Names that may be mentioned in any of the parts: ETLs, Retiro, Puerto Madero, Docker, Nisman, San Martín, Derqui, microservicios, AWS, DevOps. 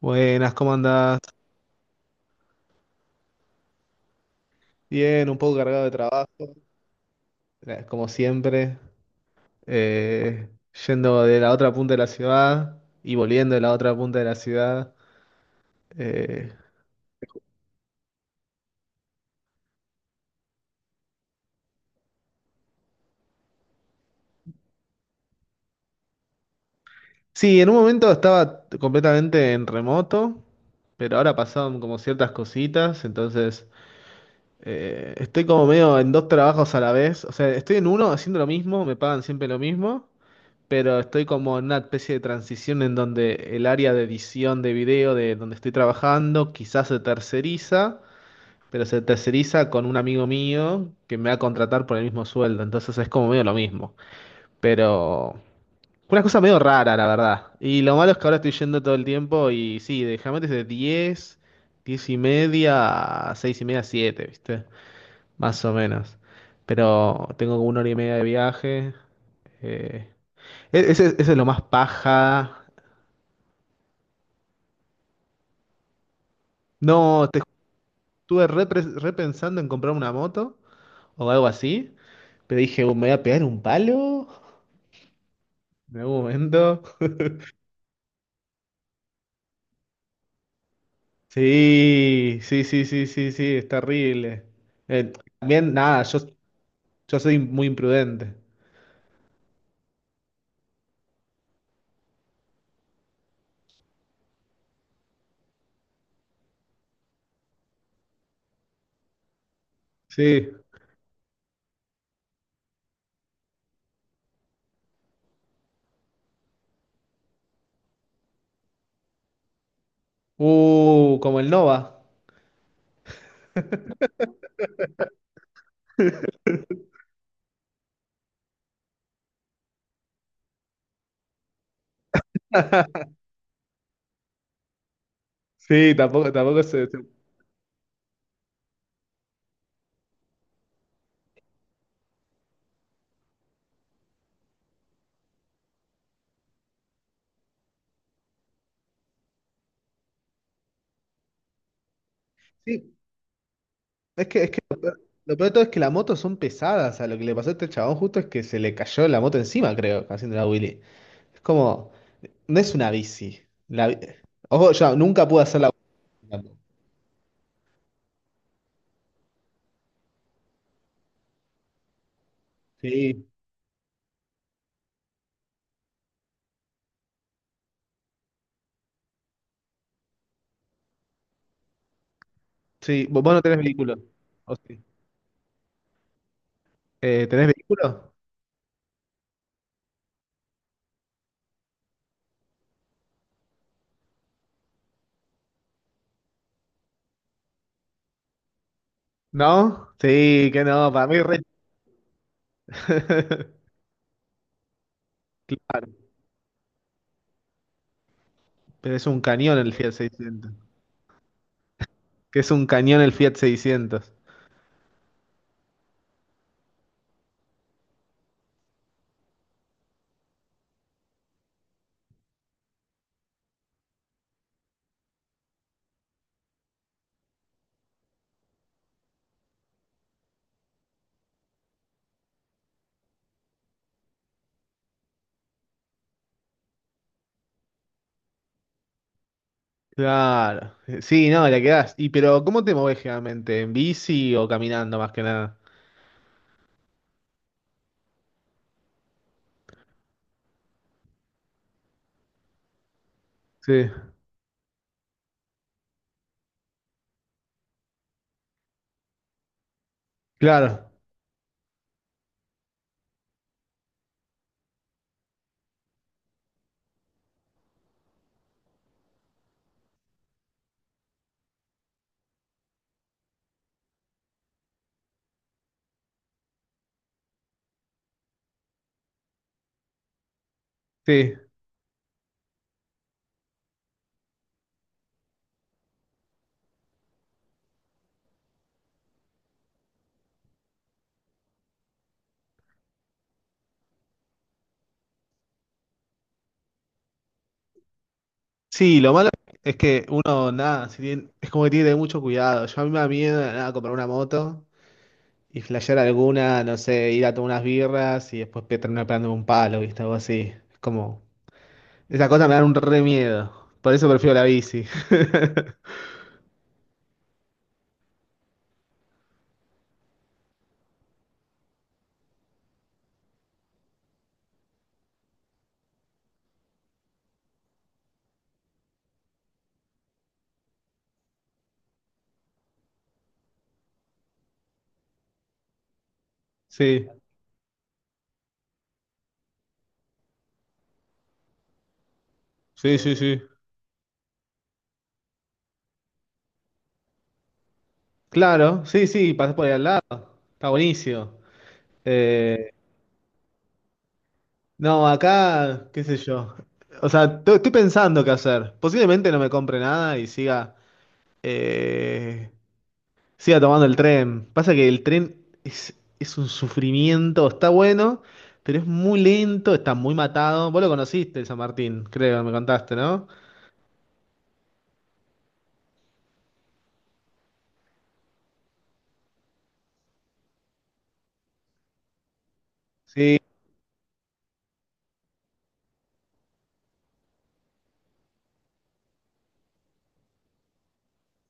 Buenas, ¿cómo andás? Bien, un poco cargado de trabajo, como siempre, eh, yendo de la otra punta de la ciudad y volviendo de la otra punta de la ciudad. Eh, sí, en un momento estaba completamente en remoto, pero ahora pasaron como ciertas cositas, entonces estoy como medio en dos trabajos a la vez, o sea, estoy en uno haciendo lo mismo, me pagan siempre lo mismo. Pero estoy como en una especie de transición en donde el área de edición de video de donde estoy trabajando quizás se terceriza, pero se terceriza con un amigo mío que me va a contratar por el mismo sueldo, entonces es como medio lo mismo, pero una cosa medio rara, la verdad. Y lo malo es que ahora estoy yendo todo el tiempo y sí, déjame desde 10 10:30 a 6 y media, 7, ¿viste? Más o menos. Pero tengo como una hora y media de viaje. eh, ese es lo más paja. No, estuve repensando en comprar una moto o algo así, pero dije: "Me voy a pegar un palo en algún momento." Sí, sí, sí, sí, sí, sí, es terrible. Eh, también, nada, yo soy muy imprudente. Sí. Como el Nova. Sí, tampoco, tampoco. Sí, es que lo peor de todo es que las motos son pesadas. O sea, lo que le pasó a este chabón justo es que se le cayó la moto encima, creo, haciendo la Willy. Es como... No es una bici. La bi- Ojo, yo nunca pude hacer la bici tampoco. Sí, sí. Vos no tenés vehículo. ¿O sí? ¿Tenés vehículo? ¿No? Sí, que no, para mí. Claro, pero es un cañón el Fiat 600. Que es un cañón el Fiat 600. Claro. Sí, no, la quedás. Y pero ¿cómo te movés generalmente? ¿En bici o caminando más que nada? Sí, claro. Sí. Sí, lo malo es que uno, nada, si tiene- es como que tiene que tener mucho cuidado. Yo a mí me da miedo, nada, comprar una moto y flashear alguna, no sé, ir a tomar unas birras y después terminar pegándome un palo, ¿viste? Algo así. Es como, esa cosa me da un re miedo. Por eso prefiero la bici. Sí, sí, sí, sí. Claro, sí, sí, pasás por ahí al lado. Está buenísimo. Eh, no, acá, qué sé yo. O sea, estoy pensando qué hacer. Posiblemente no me compre nada y eh, Siga tomando el tren. Pasa que el tren es un sufrimiento, está bueno, pero es muy lento, está muy matado. Vos lo conociste, el San Martín, creo, me contaste, ¿no? Sí.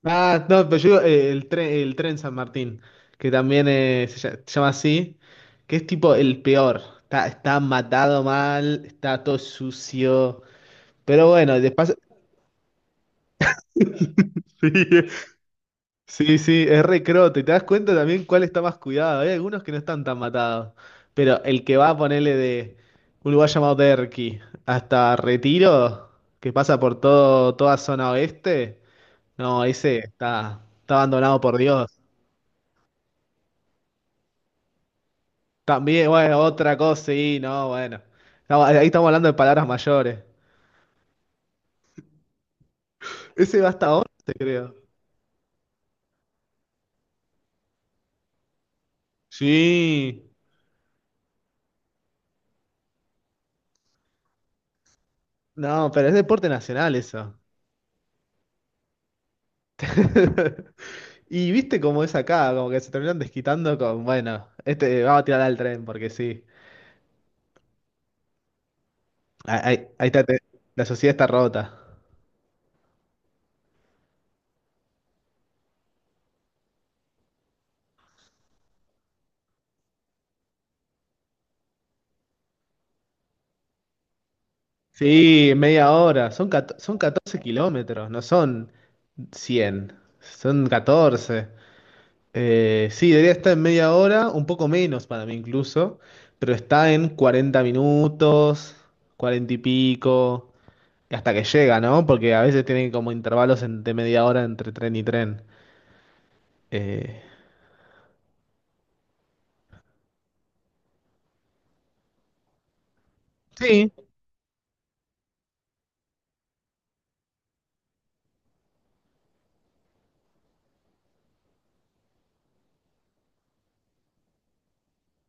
Ah, no, pero yo digo, el tren San Martín, que también se llama así, que es tipo el peor. Está matado mal, está todo sucio. Pero bueno, después... Sí, sí, sí, es re crote. Te das cuenta también cuál está más cuidado. Hay algunos que no están tan matados. Pero el que va a ponerle de un lugar llamado Derqui hasta Retiro, que pasa por todo, toda zona oeste, no, ese está abandonado por Dios. También, bueno, otra cosa, sí, no, bueno. Ahí estamos hablando de palabras mayores. Ese va hasta 11, creo. Sí. No, pero es deporte nacional eso. Y viste cómo es acá, como que se terminan desquitando con, bueno, este vamos a tirar al tren, porque sí. Ahí está, la sociedad está rota. Sí, media hora. Son 14 kilómetros, no son 100, son 14. Sí, debería estar en media hora, un poco menos para mí incluso, pero está en 40 minutos, 40 y pico, hasta que llega, ¿no? Porque a veces tienen como intervalos de media hora entre tren y tren. Eh, sí.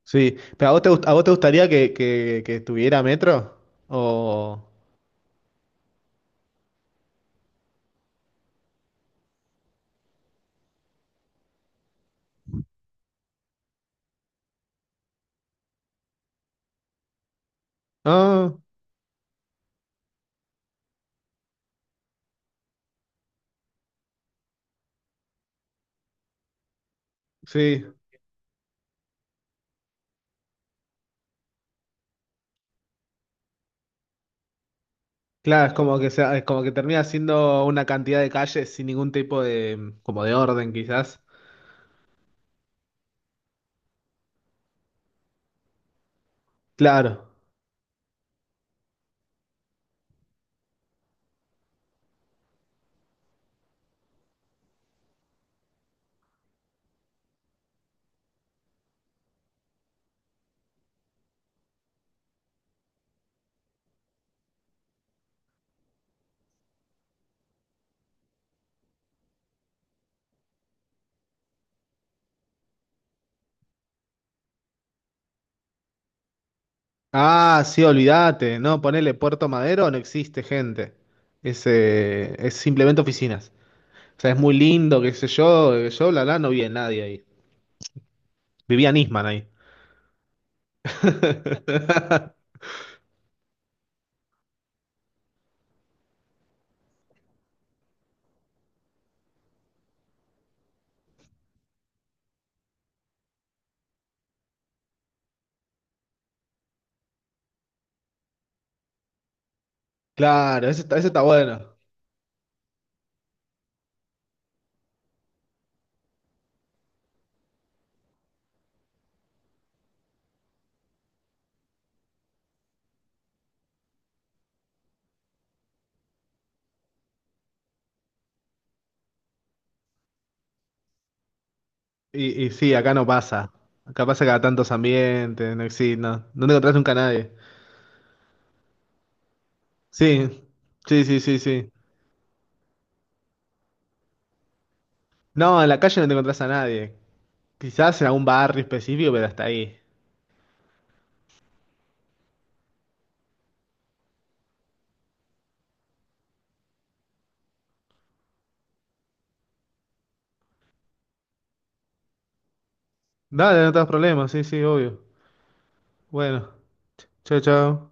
Sí, pero ¿a vos te gustaría que tuviera metro? O... Ah, sí. Claro, es como que termina siendo una cantidad de calles sin ningún tipo de, como de orden, quizás. Claro. Ah, sí, olvídate. No, ponele Puerto Madero, no existe gente. Es simplemente oficinas. O sea, es muy lindo, qué sé yo, yo, la, no vi a nadie ahí. Vivía Nisman ahí. Claro, eso está bueno. Y sí, acá no pasa. Acá pasa cada tantos ambientes, no existe, no, no te encontrás nunca a nadie. Sí, sí, sí, sí, sí. No, en la calle no te encontrás a nadie. Quizás en algún barrio específico, pero hasta ahí. Dale, no te das problemas, sí, sí, obvio. Bueno, chao, chao.